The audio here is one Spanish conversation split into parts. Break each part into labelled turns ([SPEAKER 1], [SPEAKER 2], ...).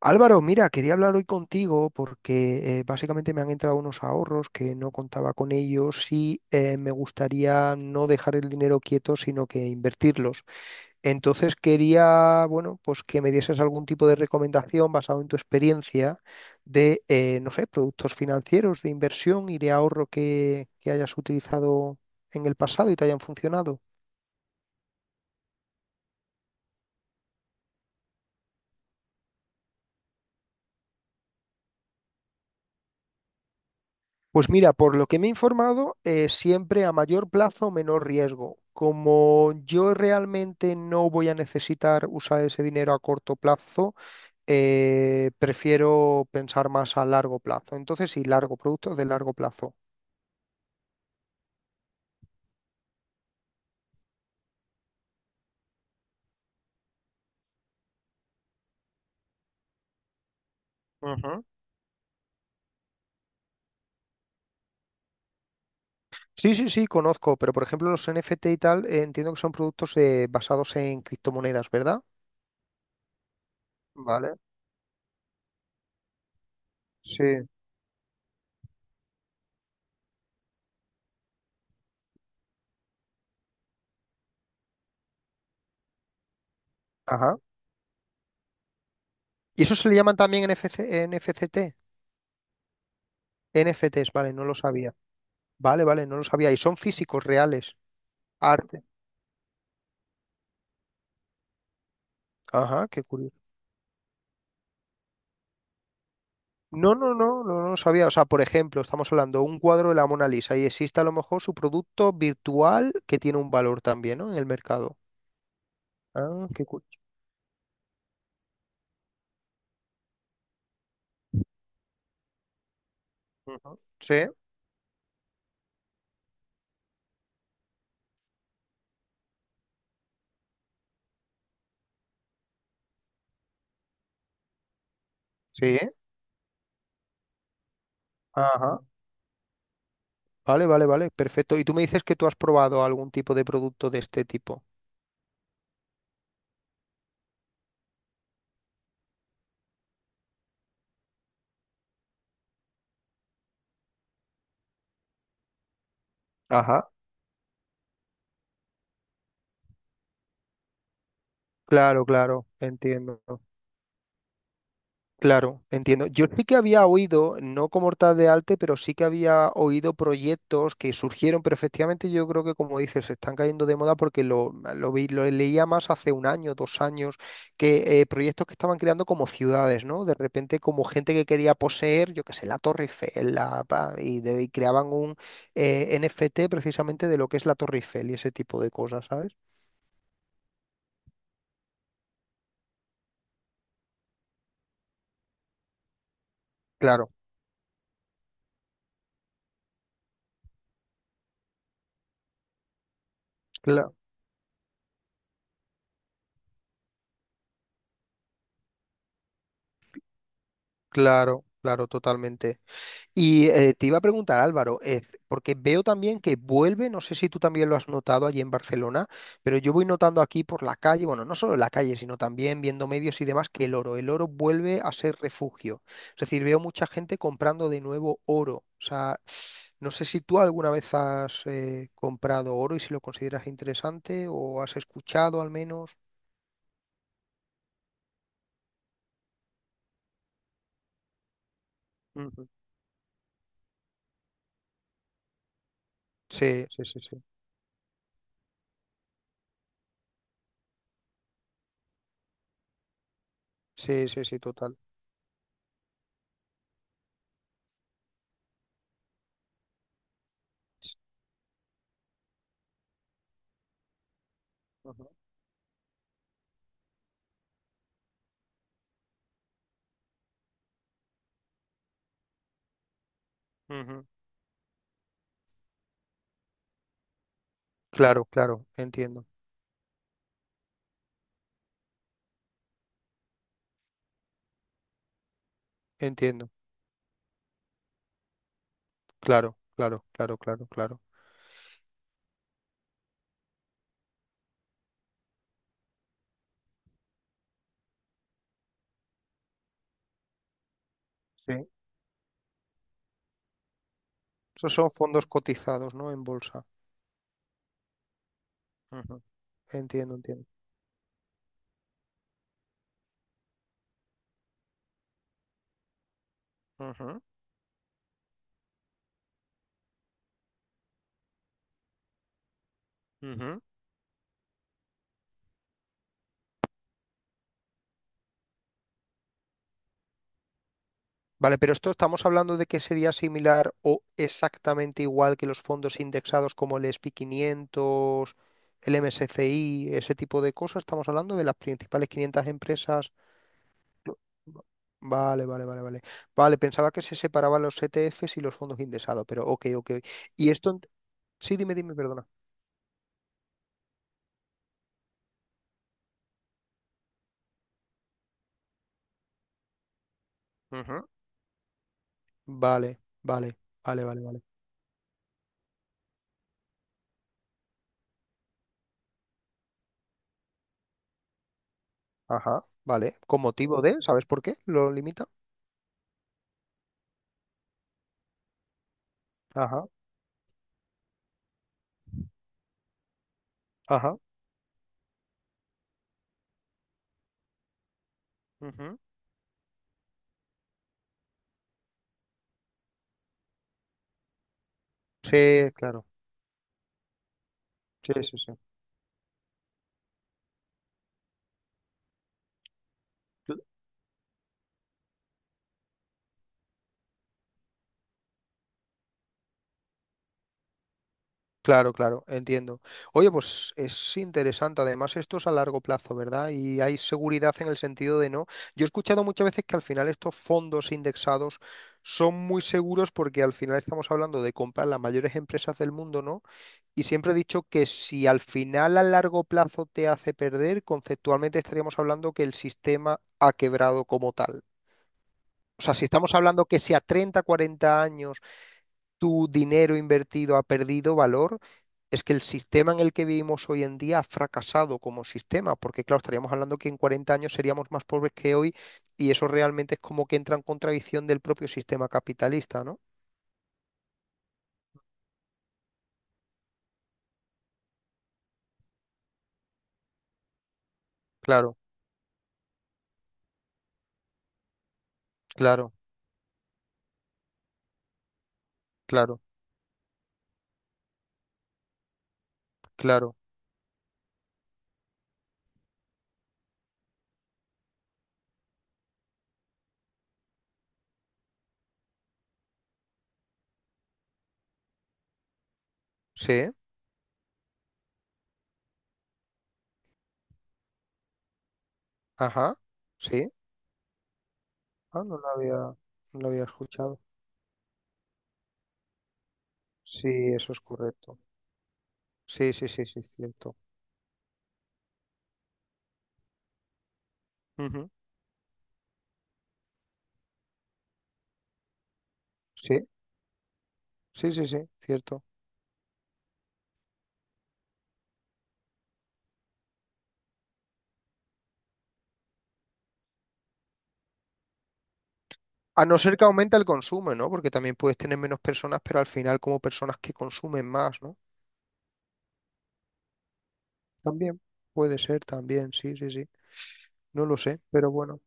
[SPEAKER 1] Álvaro, mira, quería hablar hoy contigo porque básicamente me han entrado unos ahorros que no contaba con ellos y me gustaría no dejar el dinero quieto, sino que invertirlos. Entonces quería, bueno, pues que me dieses algún tipo de recomendación basado en tu experiencia de, no sé, productos financieros de inversión y de ahorro que hayas utilizado en el pasado y te hayan funcionado. Pues mira, por lo que me he informado, siempre a mayor plazo, menor riesgo. Como yo realmente no voy a necesitar usar ese dinero a corto plazo, prefiero pensar más a largo plazo. Entonces, sí, largo, productos de largo plazo. Ujú. Sí, sí, sí, conozco, pero por ejemplo los NFT y tal, entiendo que son productos basados en criptomonedas, ¿verdad? Vale. Sí. Ajá. ¿Y eso se le llaman también NFC, NFCT? NFTs, vale, no lo sabía. Vale, vale, no lo sabía. Y son físicos reales. Arte. Ajá, qué curioso. No, no, no, no, no lo sabía. O sea, por ejemplo, estamos hablando de un cuadro de la Mona Lisa y existe a lo mejor su producto virtual que tiene un valor también, ¿no? En el mercado. Ah, qué curioso. Ujú. Sí, sí. Ajá. Vale, vale, vale, perfecto. Y tú me dices que tú has probado algún tipo de producto de este tipo. Ajá. Claro, claro, entiendo. Claro, entiendo. Yo sí que había oído, no como tal de arte, pero sí que había oído proyectos que surgieron, pero efectivamente yo creo que como dices, se están cayendo de moda porque lo vi, lo leía más hace un año, 2 años, que proyectos que estaban creando como ciudades, ¿no? De repente como gente que quería poseer, yo qué sé, la Torre Eiffel, la, pa, y, de- y creaban un NFT precisamente de lo que es la Torre Eiffel y ese tipo de cosas, ¿sabes? Claro, claro. Claro, claro, totalmente. Y te iba a preguntar, Álvaro, porque veo también que vuelve, no sé si tú también lo has notado allí en Barcelona, pero yo voy notando aquí por la calle, bueno, no solo en la calle, sino también viendo medios y demás, que el oro vuelve a ser refugio. Es decir, veo mucha gente comprando de nuevo oro. O sea, no sé si tú alguna vez has comprado oro y si lo consideras interesante o has escuchado al menos. Ujú. Sí, sí, sí, sí. Sí, sí, sí, total. Ujú. Ujú. Claro, claro, entiendo, entiendo. Claro, claro, claro, claro, claro. Sí. Esos son fondos cotizados, ¿no? En bolsa. Ujú, entiendo, entiendo. Ujú, ujú. Vale, pero esto estamos hablando de que sería similar o exactamente igual que los fondos indexados como el S&P 500, el MSCI, ese tipo de cosas. Estamos hablando de las principales 500 empresas. Lo- Vale, vale, vale, vale. Vale, pensaba que se separaban los E T ETFs y los fondos indexados, pero ok, ok. Y esto, sí, dime, dime, perdona. Vale, vale, vale, vale, vale. Ajá, vale. ¿Con motivo de? ¿Sabes por qué lo limita? Ajá, ajá. Ujú. Sí, claro. Sí, sí, sí. Cl- Claro, claro, entiendo. Oye, pues es interesante. Además, esto es a largo plazo, ¿verdad? Y hay seguridad en el sentido de no. Yo he escuchado muchas veces que al final estos fondos indexados son muy seguros porque al final estamos hablando de comprar las mayores empresas del mundo, ¿no? Y siempre he dicho que si al final a largo plazo te hace perder, conceptualmente estaríamos hablando que el sistema ha quebrado como tal. O sea, si estamos hablando que si a 30, 40 años tu dinero invertido ha perdido valor, es que el sistema en el que vivimos hoy en día ha fracasado como sistema, porque claro, estaríamos hablando que en 40 años seríamos más pobres que hoy y eso realmente es como que entra en contradicción del propio sistema capitalista, ¿no? Claro, claro, claro, claro. Sí, ajá, sí. Ah, no la había escuchado. Sí, eso es correcto. Sí, sí, sí, sí, cierto. Ujú. Sí, sí, sí, sí, cierto. A no ser que aumente el consumo, ¿no? Porque también puedes tener menos personas, pero al final como personas que consumen más, ¿no? También puede ser, también, sí, sí, sí. No lo sé, pero bueno.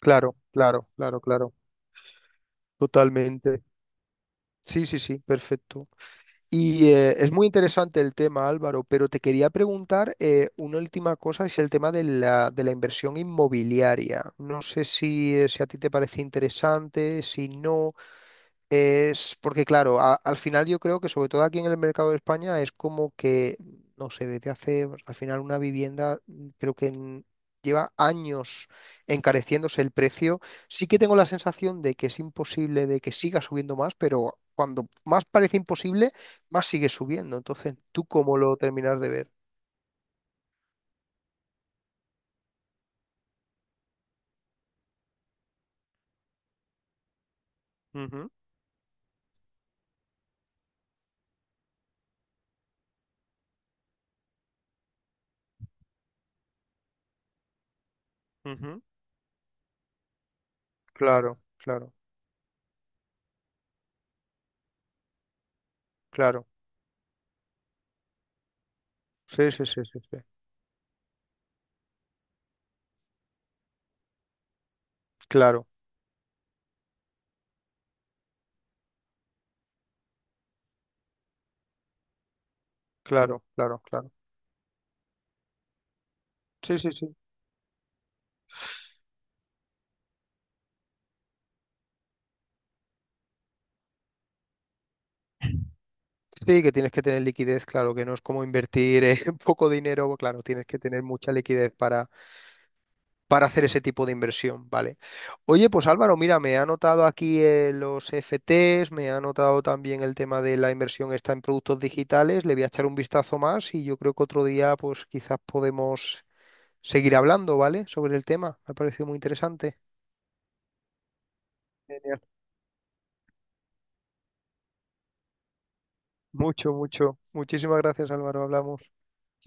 [SPEAKER 1] Claro, claro, claro, claro. Totalmente. Sí, sí, sí, perfecto. Y es muy interesante el tema, Álvaro, pero te quería preguntar una última cosa, es el tema de la, inversión inmobiliaria. No sé si, si a ti te parece interesante, si no, es porque, claro, al final yo creo que sobre todo aquí en el mercado de España es como que, no sé, desde hace, pues, al final una vivienda creo que lleva años encareciéndose el precio. Sí que tengo la sensación de que es imposible, de que siga subiendo más, pero cuando más parece imposible, más sigue subiendo. Entonces, ¿tú cómo lo terminas de ver? Ujú, ujú. Claro, claro, claro. Sí, sí, sí, sí, sí. Claro, claro, claro, claro. Sí, sí, sí. Sí, que tienes que tener liquidez, claro, que no es como invertir poco dinero, claro, tienes que tener mucha liquidez para, hacer ese tipo de inversión, ¿vale? Oye, pues Álvaro, mira, me ha anotado aquí los FTs, me ha anotado también el tema de la inversión está en productos digitales, le voy a echar un vistazo más y yo creo que otro día, pues quizás podemos seguir hablando, ¿vale? Sobre el tema, me ha parecido muy interesante. Genial. Mucho, mucho. Muchísimas gracias, Álvaro, hablamos.